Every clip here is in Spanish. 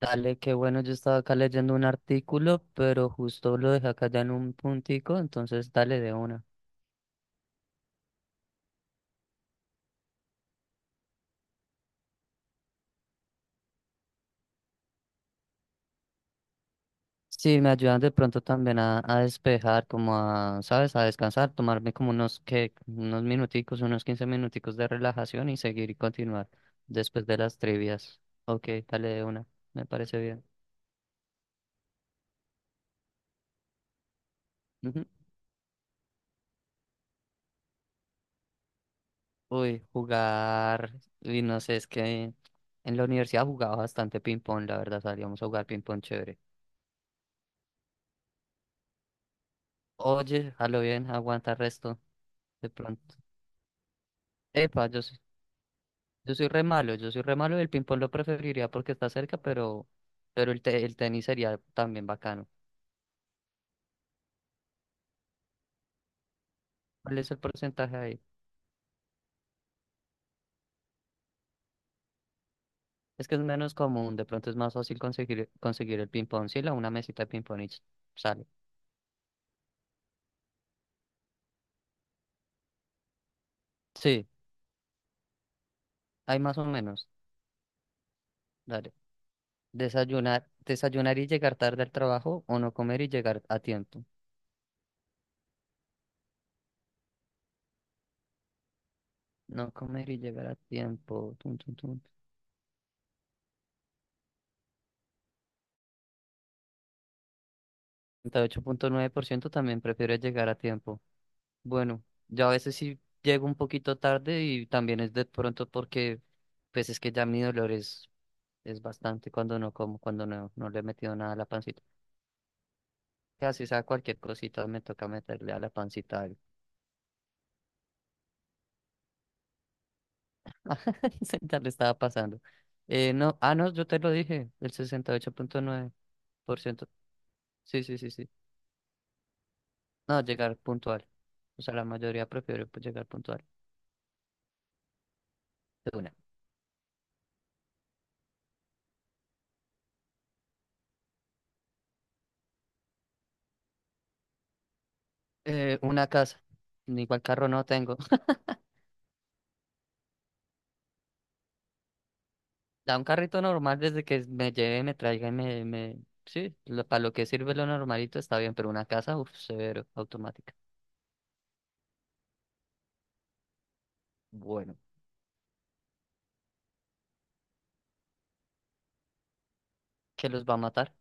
Dale, qué bueno, yo estaba acá leyendo un artículo, pero justo lo dejé acá ya en un puntico, entonces dale de una. Sí, me ayudan de pronto también a despejar, como a, ¿sabes? A descansar, tomarme como unos, que unos minuticos, unos 15 minuticos de relajación y seguir y continuar después de las trivias. Ok, dale de una, me parece bien. Ujú. Uy, jugar, y no sé, es que en la universidad jugaba bastante ping-pong, la verdad, salíamos a jugar ping-pong chévere. Oye, a lo bien, aguanta resto. De pronto. Epa, yo soy re malo, yo soy re malo y el ping-pong lo preferiría porque está cerca, pero el tenis sería también bacano. ¿Cuál es el porcentaje ahí? Es que es menos común, de pronto es más fácil conseguir el ping-pong. Sí, la una mesita de ping-pong y sale. Sí, hay más o menos. Dale. Desayunar y llegar tarde al trabajo o no comer y llegar a tiempo. No comer y llegar a tiempo. Tun, tun, tun. 38.9% también prefiere llegar a tiempo. Bueno, yo a veces sí llego un poquito tarde y también es de pronto porque pues es que ya mi dolor es bastante cuando no como, cuando no le he metido nada a la pancita. Casi sea cualquier cosita me toca meterle a la pancita algo. Ya le estaba pasando. No, no, yo te lo dije, el 68.9%. Sí, sí, sí, sí. No, llegar puntual. O sea, la mayoría prefiere, pues, llegar puntual. De una. Una casa. Igual carro no tengo. Da un carrito normal desde que me lleve, me traiga y me. Sí, para lo que sirve lo normalito está bien, pero una casa, uff, severo, automática. Bueno, ¿que los va a matar?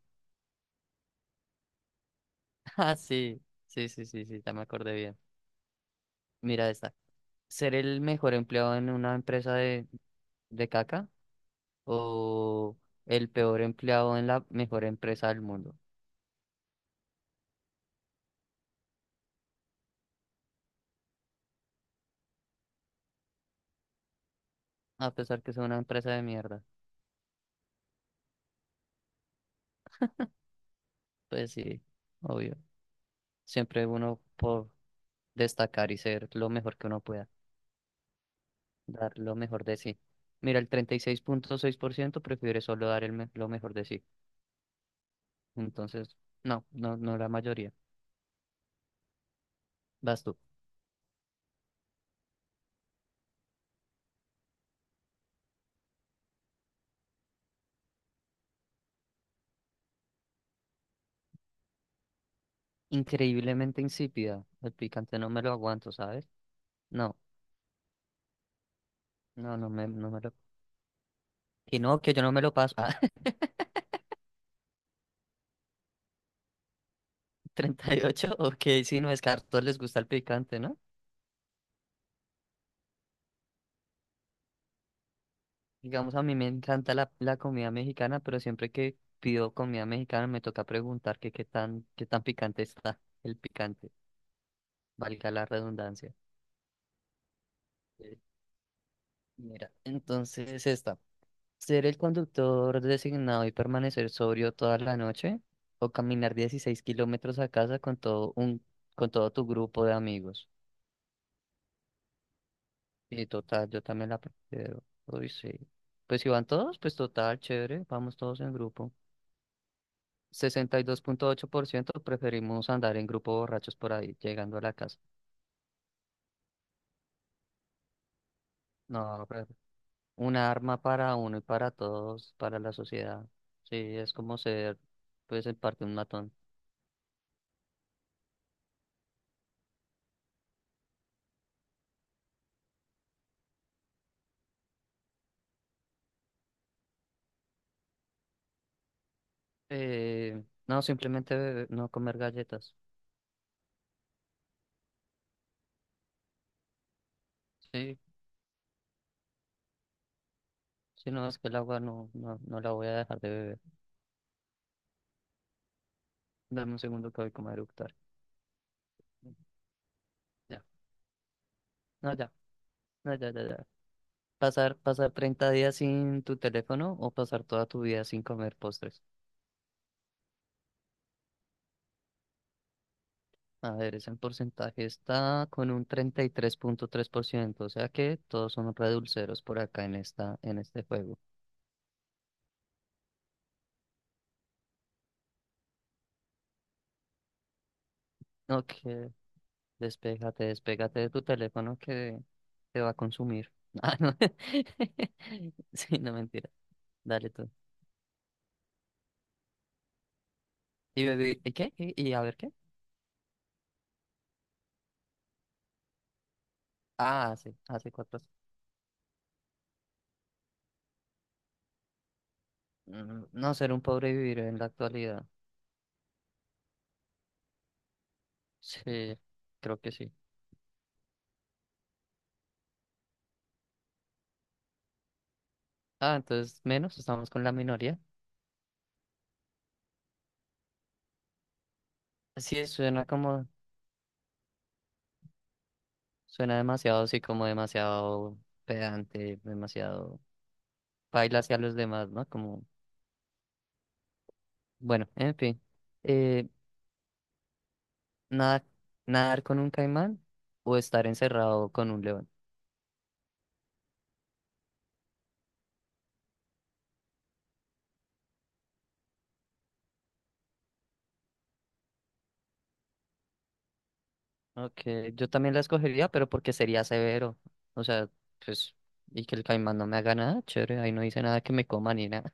Ah, sí, sí, sí, sí, sí, ya me acordé bien. Mira esta. ¿Ser el mejor empleado en una empresa de caca, o el peor empleado en la mejor empresa del mundo? A pesar que sea una empresa de mierda. Pues sí, obvio. Siempre uno por destacar y ser lo mejor que uno pueda. Dar lo mejor de sí. Mira, el treinta y seis punto seis por ciento prefiere solo dar lo mejor de sí. Entonces, no, no, no la mayoría. Vas tú. Increíblemente insípida. El picante no me lo aguanto, ¿sabes? No, no, no me lo. Y no, que yo no me lo paso. Ah, 38, ok, sí no es que a todos les gusta el picante, ¿no? Digamos, a mí me encanta la comida mexicana, pero siempre que pido comida mexicana me toca preguntar que qué tan picante está el picante. Valga la redundancia. Mira, entonces es esta. Ser el conductor designado y permanecer sobrio toda la noche, o caminar 16 kilómetros a casa con con todo tu grupo de amigos. Y total, yo también la prefiero. Uy, sí. Pues si van todos, pues total, chévere, vamos todos en grupo. 62.8% preferimos andar en grupo borrachos por ahí, llegando a la casa. No, un arma para uno y para todos, para la sociedad. Sí, es como ser, pues en parte, un matón. Eh, no, simplemente no comer galletas. Sí, si no es que el agua no la voy a dejar de beber. Dame un segundo que voy como a eructar. Ya, no, ya, no, ya, ya, ya. Pasar 30 días sin tu teléfono, o pasar toda tu vida sin comer postres. A ver, ese porcentaje está con un treinta y tres punto tres por ciento, o sea que todos son redulceros por acá en en este juego. No, que despégate de tu teléfono que te va a consumir. Ah, no. Sí, no, mentira. Dale tú. ¿Y qué? ¿Y a ver qué? Ah, sí, hace cuatro. No, ser un pobre y vivir en la actualidad. Sí, creo que sí. Ah, entonces menos, estamos con la minoría. Sí, suena como, suena demasiado, sí, como demasiado pedante, demasiado baila hacia los demás, ¿no? Como, bueno, en fin. Eh, nada, Nadar con un caimán o estar encerrado con un león. Ok, yo también la escogería, pero porque sería severo. O sea, pues, y que el caimán no me haga nada, chévere, ahí no dice nada que me coma ni nada.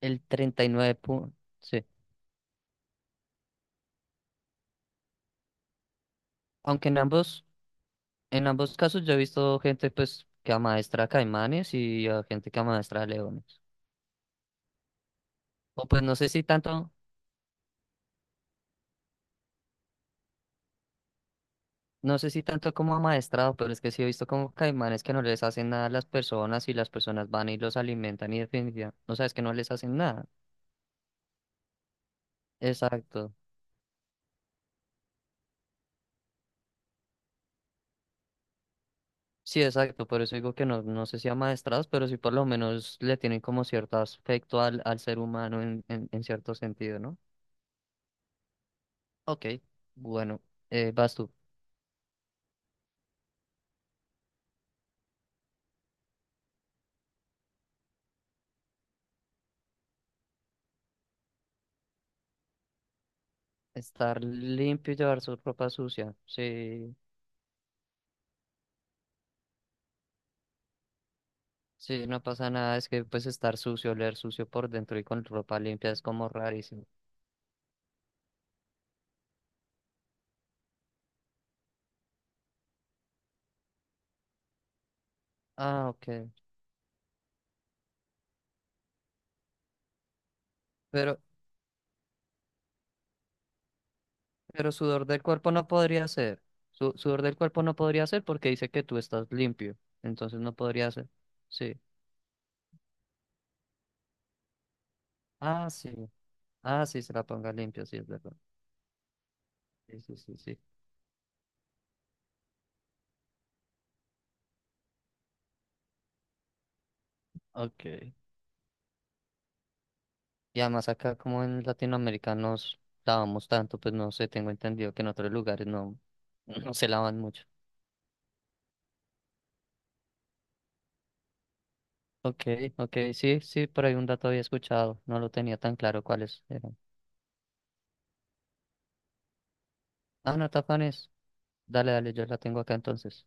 El 39 punto, sí. Aunque en ambos casos yo he visto gente pues que amaestra caimanes y a gente que amaestra leones. O pues no sé si tanto como amaestrado, pero es que sí he visto como caimanes que no les hacen nada a las personas y las personas van y los alimentan y, definitivamente, no sabes que no les hacen nada. Exacto. Sí, exacto, por eso digo que no, no sé si amaestrados, pero sí por lo menos le tienen como cierto aspecto al ser humano en cierto sentido, ¿no? Ok, bueno, vas tú. Estar limpio y llevar su ropa sucia. Sí, sí, no pasa nada, es que pues estar sucio, oler sucio por dentro y con ropa limpia es como rarísimo. Ah, ok, pero, pero sudor del cuerpo no podría ser. Sudor del cuerpo no podría ser porque dice que tú estás limpio, entonces no podría ser. Sí. Ah, sí. Ah, sí, se la ponga limpio, sí, es verdad. Sí, sí, sí, sí. Ok. Y además acá como en latinoamericanos lavamos tanto, pues no sé, tengo entendido que en otros lugares no, no se lavan mucho. Ok, ok, sí, sí, por ahí un dato había escuchado, no lo tenía tan claro cuáles eran. Ah, no, tapanes, dale, dale, yo la tengo acá entonces.